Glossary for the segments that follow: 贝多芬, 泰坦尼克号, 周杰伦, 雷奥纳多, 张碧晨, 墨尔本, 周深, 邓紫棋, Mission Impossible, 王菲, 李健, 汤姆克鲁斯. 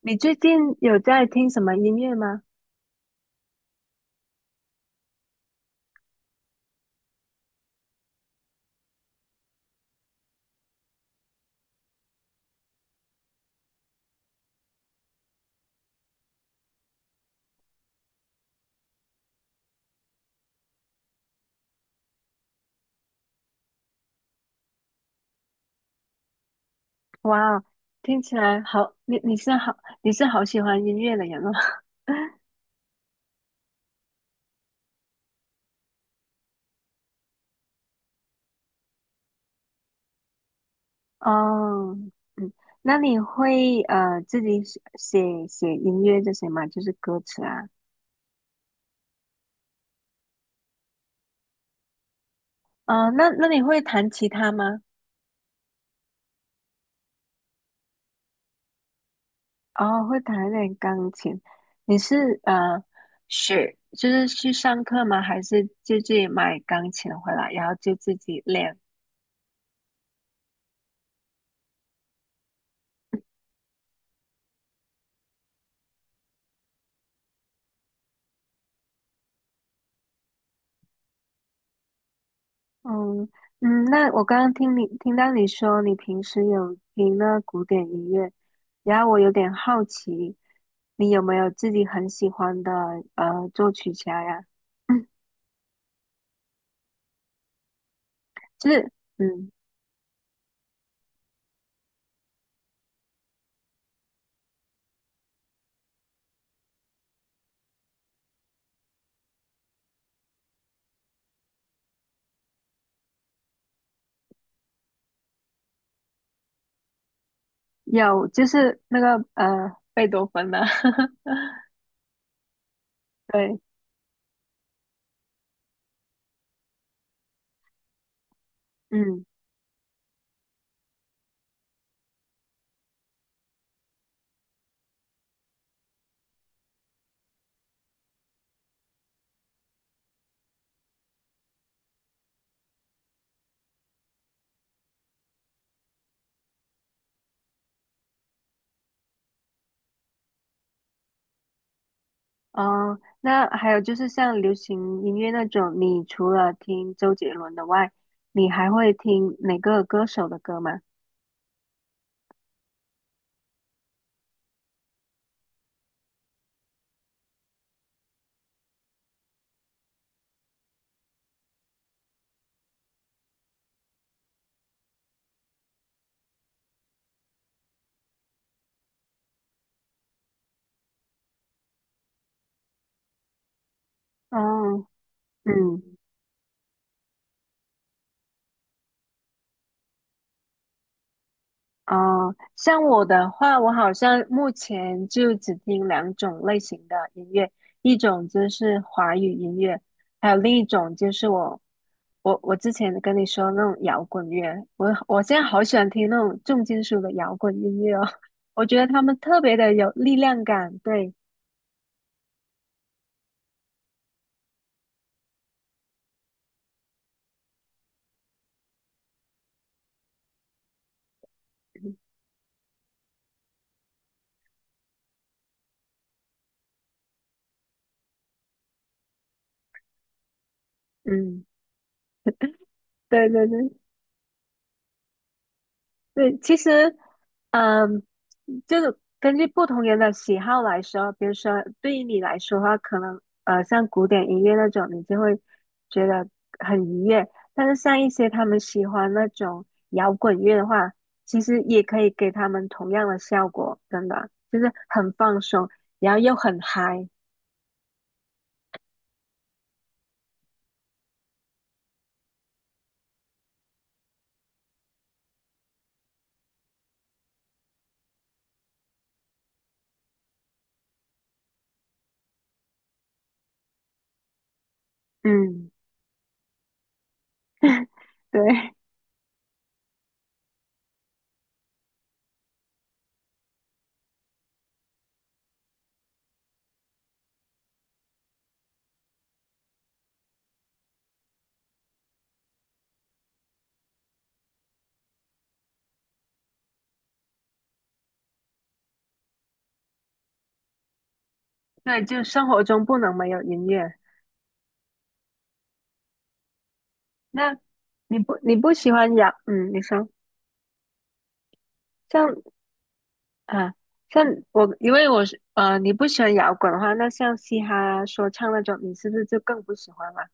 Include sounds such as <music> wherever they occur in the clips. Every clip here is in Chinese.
你最近有在听什么音乐吗？哇哦，听起来好，你是好，你是好喜欢音乐的人哦。<laughs> 哦，嗯，那你会自己写音乐这些吗？就是歌词啊。哦，那你会弹吉他吗？哦，会弹一点钢琴。你是学就是去上课吗？还是就自己买钢琴回来，然后就自己练？嗯嗯，那我刚刚听你听到你说你平时有听那古典音乐，然后我有点好奇，你有没有自己很喜欢的作曲家呀？<clears throat> 嗯，就是嗯有，就是贝多芬的，<laughs> 对，嗯，哦，那还有就是像流行音乐那种，你除了听周杰伦的外，你还会听哪个歌手的歌吗？哦，嗯。哦，像我的话，我好像目前就只听两种类型的音乐，一种就是华语音乐，还有另一种就是我之前跟你说那种摇滚乐，我现在好喜欢听那种重金属的摇滚音乐哦，<laughs> 我觉得他们特别的有力量感，对，嗯，对对对。对，其实，嗯，就是根据不同人的喜好来说，比如说对于你来说的话，可能像古典音乐那种，你就会觉得很愉悦；但是像一些他们喜欢那种摇滚乐的话，其实也可以给他们同样的效果，真的就是很放松，然后又很嗨。嗯，<laughs> 对对，就生活中不能没有音乐。那你不喜欢摇，嗯，你说。像啊，像我，因为我是，你不喜欢摇滚的话，那像嘻哈、说唱那种，你是不是就更不喜欢了？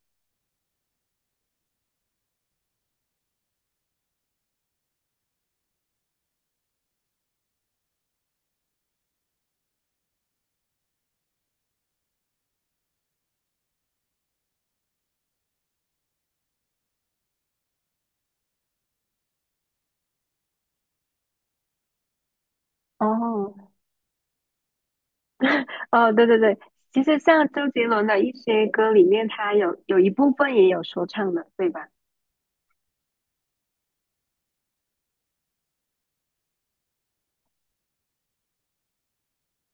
哦，<laughs> 哦，对对对，其实像周杰伦的一些歌里面，他有一部分也有说唱的，对吧？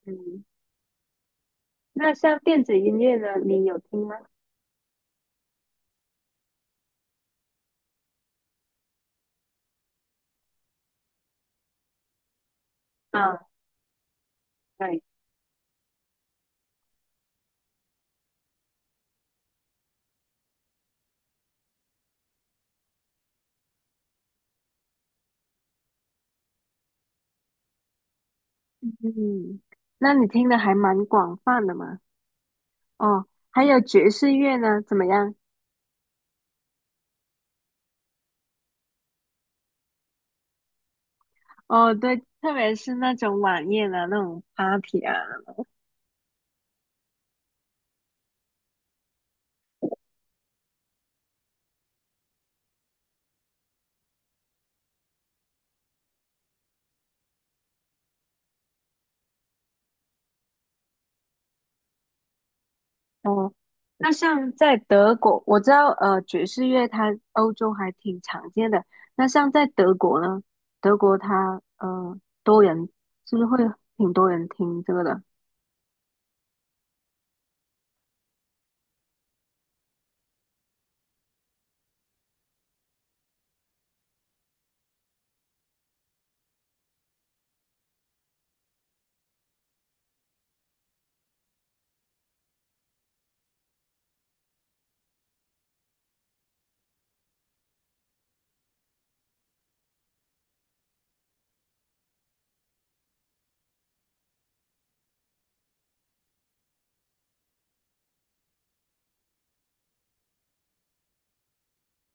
嗯，那像电子音乐呢，你有听吗？啊，对，嗯，那你听的还蛮广泛的嘛。哦，还有爵士乐呢，怎么样？哦，对，特别是那种晚宴啊，那种 party 啊。哦，那像在德国，我知道爵士乐它欧洲还挺常见的。那像在德国呢，德国它多人是不是会挺多人听这个的？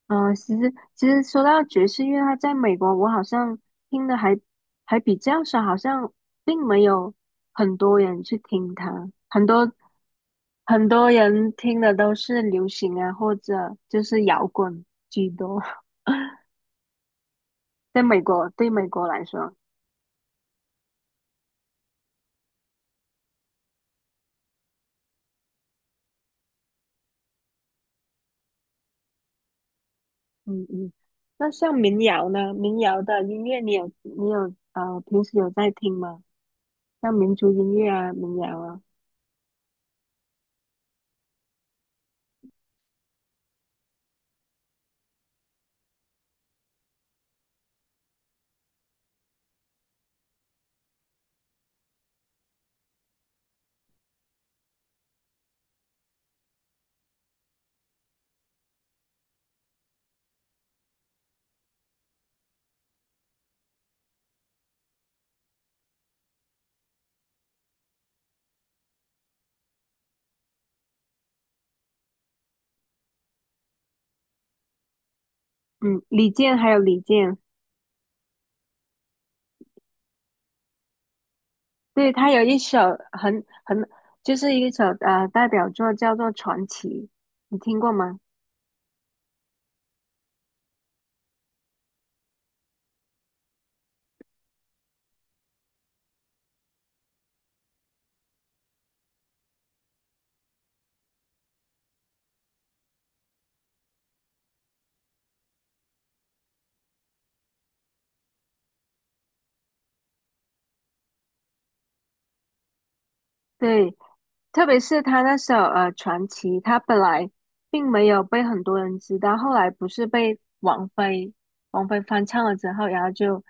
其实说到爵士乐，它在美国我好像听的还比较少，好像并没有很多人去听它，很多人听的都是流行啊，或者就是摇滚居多。<laughs> 在美国，对美国来说。嗯嗯，那像民谣呢？民谣的音乐你有平时有在听吗？像民族音乐啊，民谣啊，嗯，李健，对，他有一首很很就是一首代表作叫做《传奇》，你听过吗？对，特别是他那首《传奇》，他本来并没有被很多人知道，后来不是被王菲翻唱了之后，然后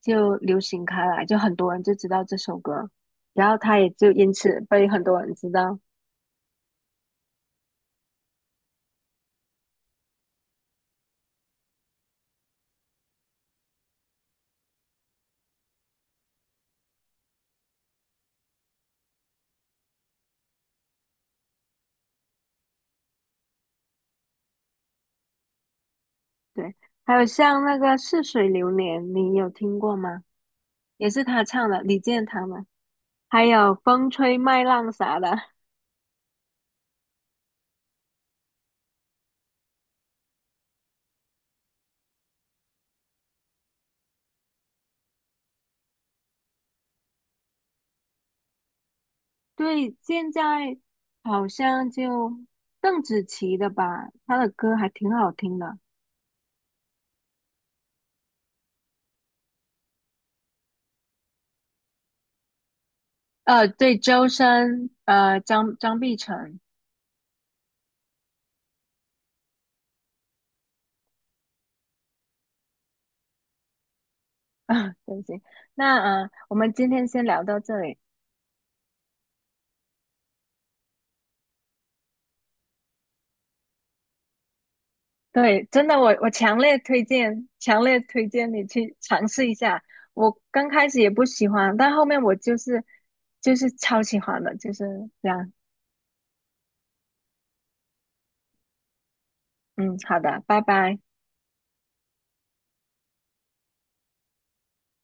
就流行开来，就很多人就知道这首歌，然后他也就因此被很多人知道。对，还有像那个《似水流年》，你有听过吗？也是他唱的，李健他们，还有《风吹麦浪》啥的，对，现在好像就邓紫棋的吧，她的歌还挺好听的。呃，对，周深，呃，张碧晨。 <laughs> 啊，对不起，那，我们今天先聊到这里。对，真的，我我强烈推荐，强烈推荐你去尝试一下。我刚开始也不喜欢，但后面我就是就是超喜欢的，就是这样。嗯，好的，拜拜。